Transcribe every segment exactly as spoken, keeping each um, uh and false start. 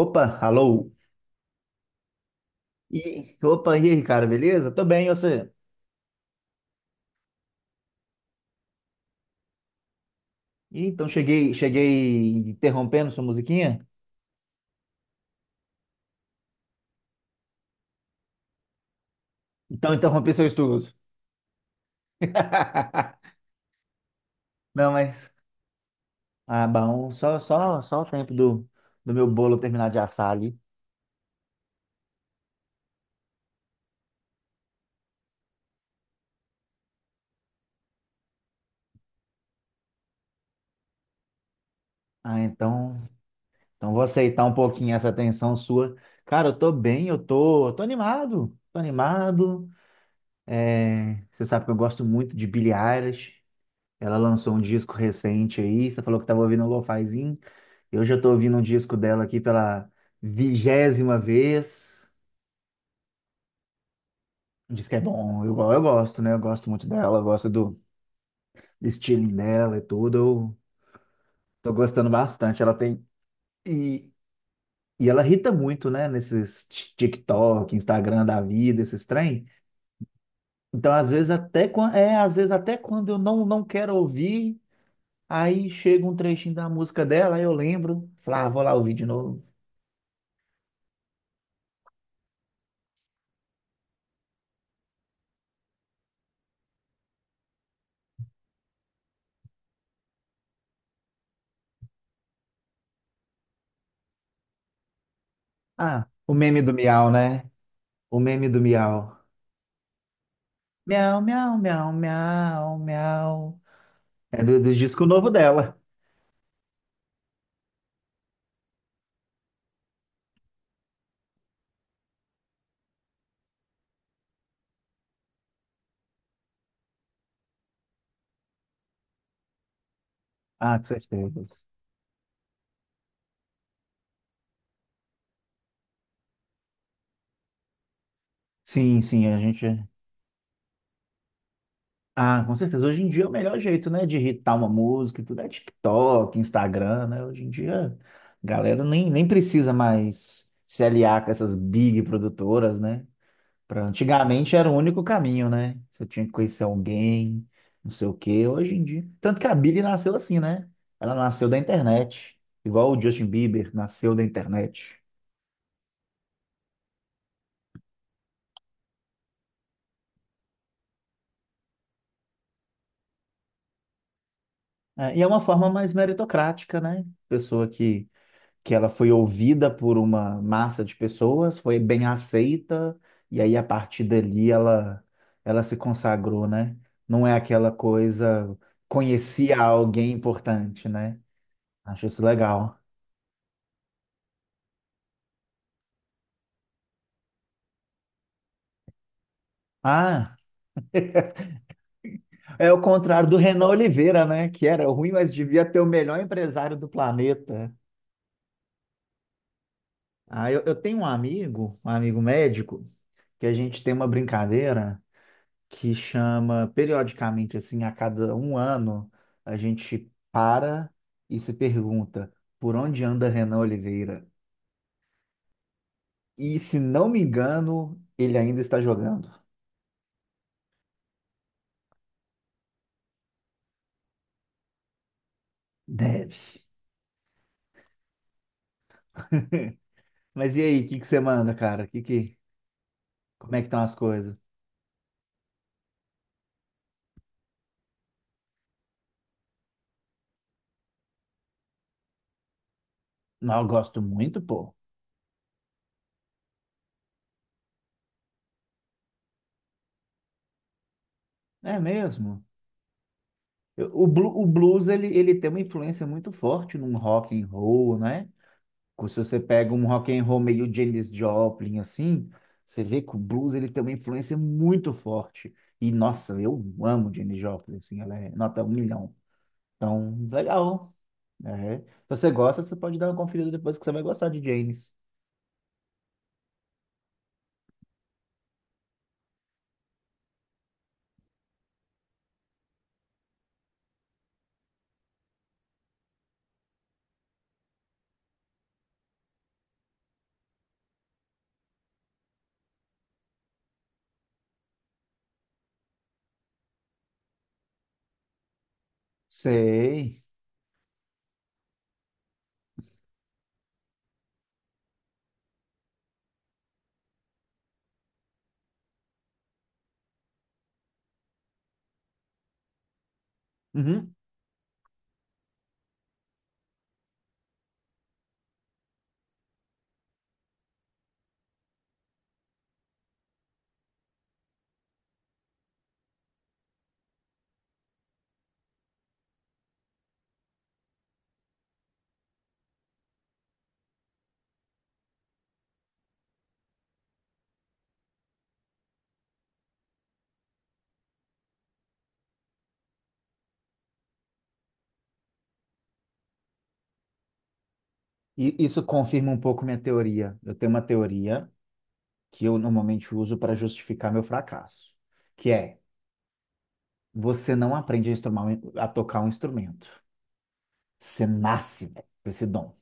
Opa, alô. E, opa, e aí, cara, beleza? Tô bem, e você? Ih, então cheguei, cheguei interrompendo sua musiquinha? Então interrompi seu estudo. Não, mas ah, bom, só só só o tempo do, do meu bolo terminar de assar ali. Ah, então, então vou aceitar um pouquinho essa atenção sua. Cara, eu tô bem, eu tô, eu tô animado. Tô animado. É, você sabe que eu gosto muito de Billie Eilish. Ela lançou um disco recente aí, você falou que tava ouvindo um lo-fizinho. Eu já tô ouvindo um disco dela aqui pela vigésima vez. Um disco que é bom, eu, go- eu gosto, né? Eu gosto muito dela, eu gosto do do estilinho dela e tudo. Eu tô gostando bastante. Ela tem. E, e ela irrita muito, né? Nesses ti- TikTok, Instagram da vida, esses trem. Então, às vezes, até quando. É, às vezes, até quando eu não, não quero ouvir, aí chega um trechinho da música dela, aí eu lembro. Falo, ah, vou lá ouvir de novo. Ah, o meme do Miau, né? O meme do Miau. Miau, miau, miau, miau, miau. É do, do disco novo dela. Ah, com certeza. Sim, sim, a gente. Ah, com certeza. Hoje em dia é o melhor jeito, né, de irritar uma música e tudo é TikTok, Instagram, né? Hoje em dia, a galera nem, nem precisa mais se aliar com essas big produtoras, né? Pra, antigamente era o único caminho, né? Você tinha que conhecer alguém, não sei o quê. Hoje em dia. Tanto que a Billie nasceu assim, né? Ela nasceu da internet. Igual o Justin Bieber nasceu da internet. É, e é uma forma mais meritocrática, né? Pessoa que, que ela foi ouvida por uma massa de pessoas, foi bem aceita, e aí a partir dali ela, ela se consagrou, né? Não é aquela coisa, conhecia alguém importante, né? Acho isso legal. Ah, é o contrário do Renan Oliveira, né? Que era ruim, mas devia ter o melhor empresário do planeta. Ah, eu, eu tenho um amigo, um amigo médico, que a gente tem uma brincadeira. Que chama periodicamente, assim, a cada um ano, a gente para e se pergunta por onde anda Renan Oliveira? E se não me engano, ele ainda está jogando. Deve. Mas e aí, o que que você manda, cara? Que que, como é que estão as coisas? Não, eu gosto muito, pô. É mesmo? Eu- O, blu- o blues, ele, ele tem uma influência muito forte num rock and roll, né? Se você pega um rock and roll meio Janis Joplin, assim, você vê que o blues ele tem uma influência muito forte. E, nossa, eu amo Janis Joplin, assim, ela é nota um milhão. Então, legal. É. Se você gosta, você pode dar uma conferida depois que você vai gostar de Janis. Sei. Uhum. E isso confirma um pouco minha teoria. Eu tenho uma teoria que eu normalmente uso para justificar meu fracasso, que é, você não aprende a, instrumar- a tocar um instrumento. Você nasce, velho, com esse dom.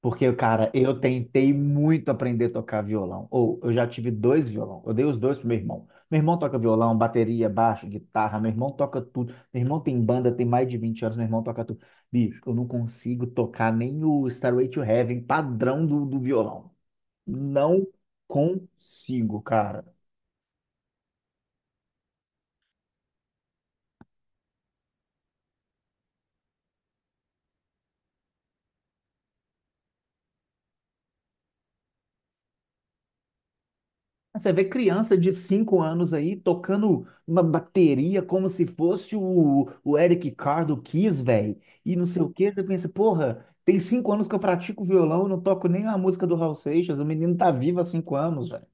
Porque, cara, eu tentei muito aprender a tocar violão. Ou eu já tive dois violão. Eu dei os dois pro meu irmão. Meu irmão toca violão, bateria, baixo, guitarra. Meu irmão toca tudo. Meu irmão tem banda, tem mais de vinte anos. Meu irmão toca tudo. Bicho, eu não consigo tocar nem o Stairway to Heaven padrão do, do violão. Não consigo, cara. Você vê criança de cinco anos aí tocando uma bateria como se fosse o, o Eric Carr do Kiss, velho. E não sei o quê. Você pensa, porra, tem cinco anos que eu pratico violão, eu não toco nem a música do Raul Seixas. O menino tá vivo há cinco anos, velho.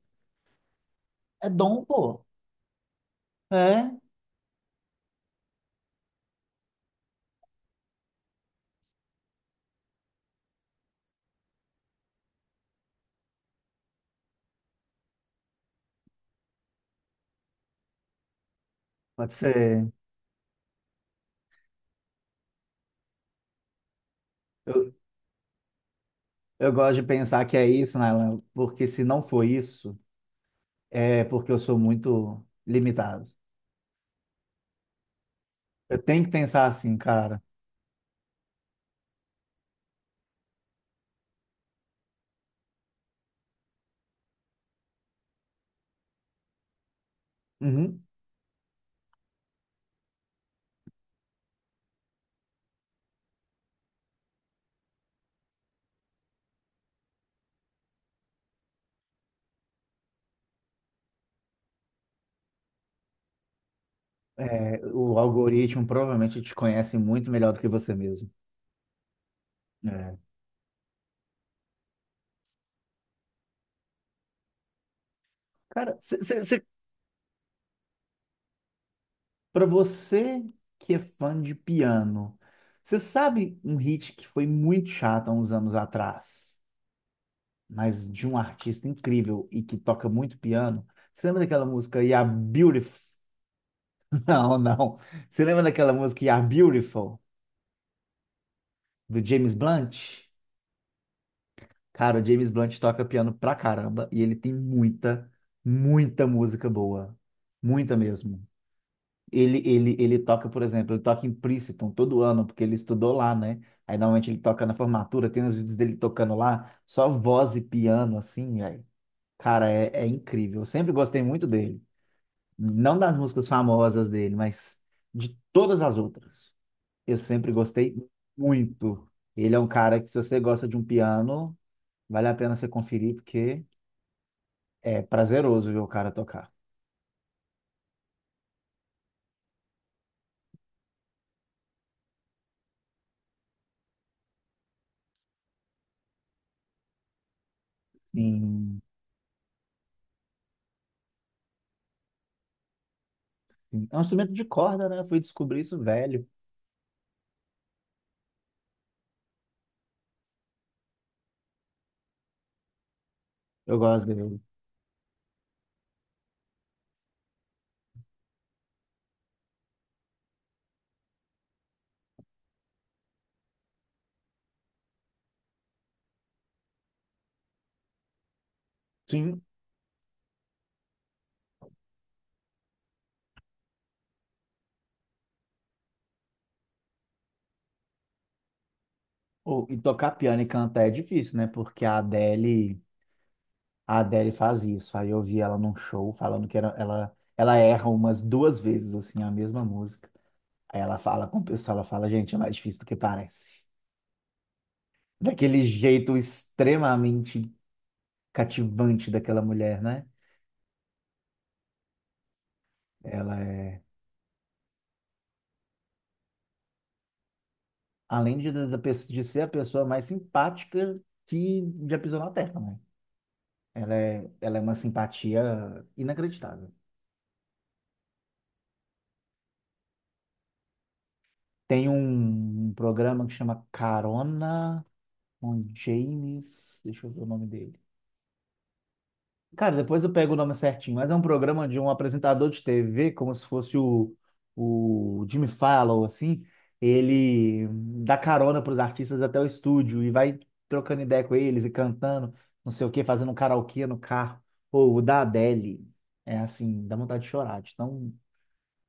É dom, pô. É. Pode ser. Eu, eu gosto de pensar que é isso, Nailan, porque se não for isso, é porque eu sou muito limitado. Eu tenho que pensar assim, cara. Uhum. É, o algoritmo provavelmente te conhece muito melhor do que você mesmo. É. Cara, para você que é fã de piano, você sabe um hit que foi muito chato há uns anos atrás, mas de um artista incrível e que toca muito piano? Você lembra daquela música Yeah Beautiful? Não, não. Você lembra daquela música Yeah Beautiful do James Blunt? Cara, o James Blunt toca piano pra caramba e ele tem muita, muita música boa. Muita mesmo. Ele, ele, ele toca, por exemplo, ele toca em Princeton todo ano, porque ele estudou lá, né? Aí normalmente ele toca na formatura, tem os vídeos dele tocando lá, só voz e piano, assim, aí. Cara, é, é incrível. Eu sempre gostei muito dele. Não das músicas famosas dele, mas de todas as outras. Eu sempre gostei muito. Ele é um cara que, se você gosta de um piano, vale a pena você conferir, porque é prazeroso ver o cara tocar. Sim, sim. É um instrumento de corda, né? Eu fui descobrir isso velho. Eu gosto dele. Sim. Ou- E tocar piano e cantar é difícil, né? Porque a Adele, a Adele faz isso. Aí eu vi ela num show falando que era- ela, ela erra umas duas vezes, assim, a mesma música. Aí ela fala com o pessoal, ela fala, gente, é mais difícil do que parece. Daquele jeito extremamente cativante daquela mulher, né? Ela é, além de, da- da pe- de ser a pessoa mais simpática que já pisou na Terra, né? Ela é, ela é uma simpatia inacreditável. Tem um, um programa que chama Carona com James. Deixa eu ver o nome dele. Cara, depois eu pego o nome certinho, mas é um programa de um apresentador de T V, como se fosse o, o Jimmy Fallon, assim. Ele dá carona para os artistas até o estúdio e vai trocando ideia com eles e cantando, não sei o quê, fazendo um karaokê no carro. Ou o da Adele. É assim, dá vontade de chorar, de tão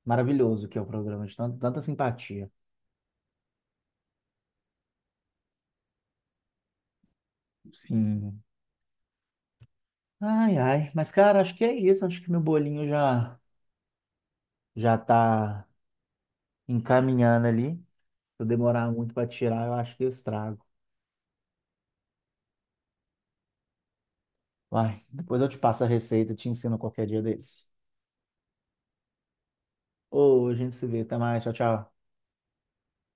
maravilhoso que é o programa, de tan- tanta simpatia. Sim. Ai, ai. Mas, cara, acho que é isso. Acho que meu bolinho já já tá encaminhando ali. Se eu demorar muito para tirar, eu acho que eu estrago. Vai, depois eu te passo a receita, te ensino qualquer dia desse. Ô, a gente se vê. Até mais. Tchau, tchau.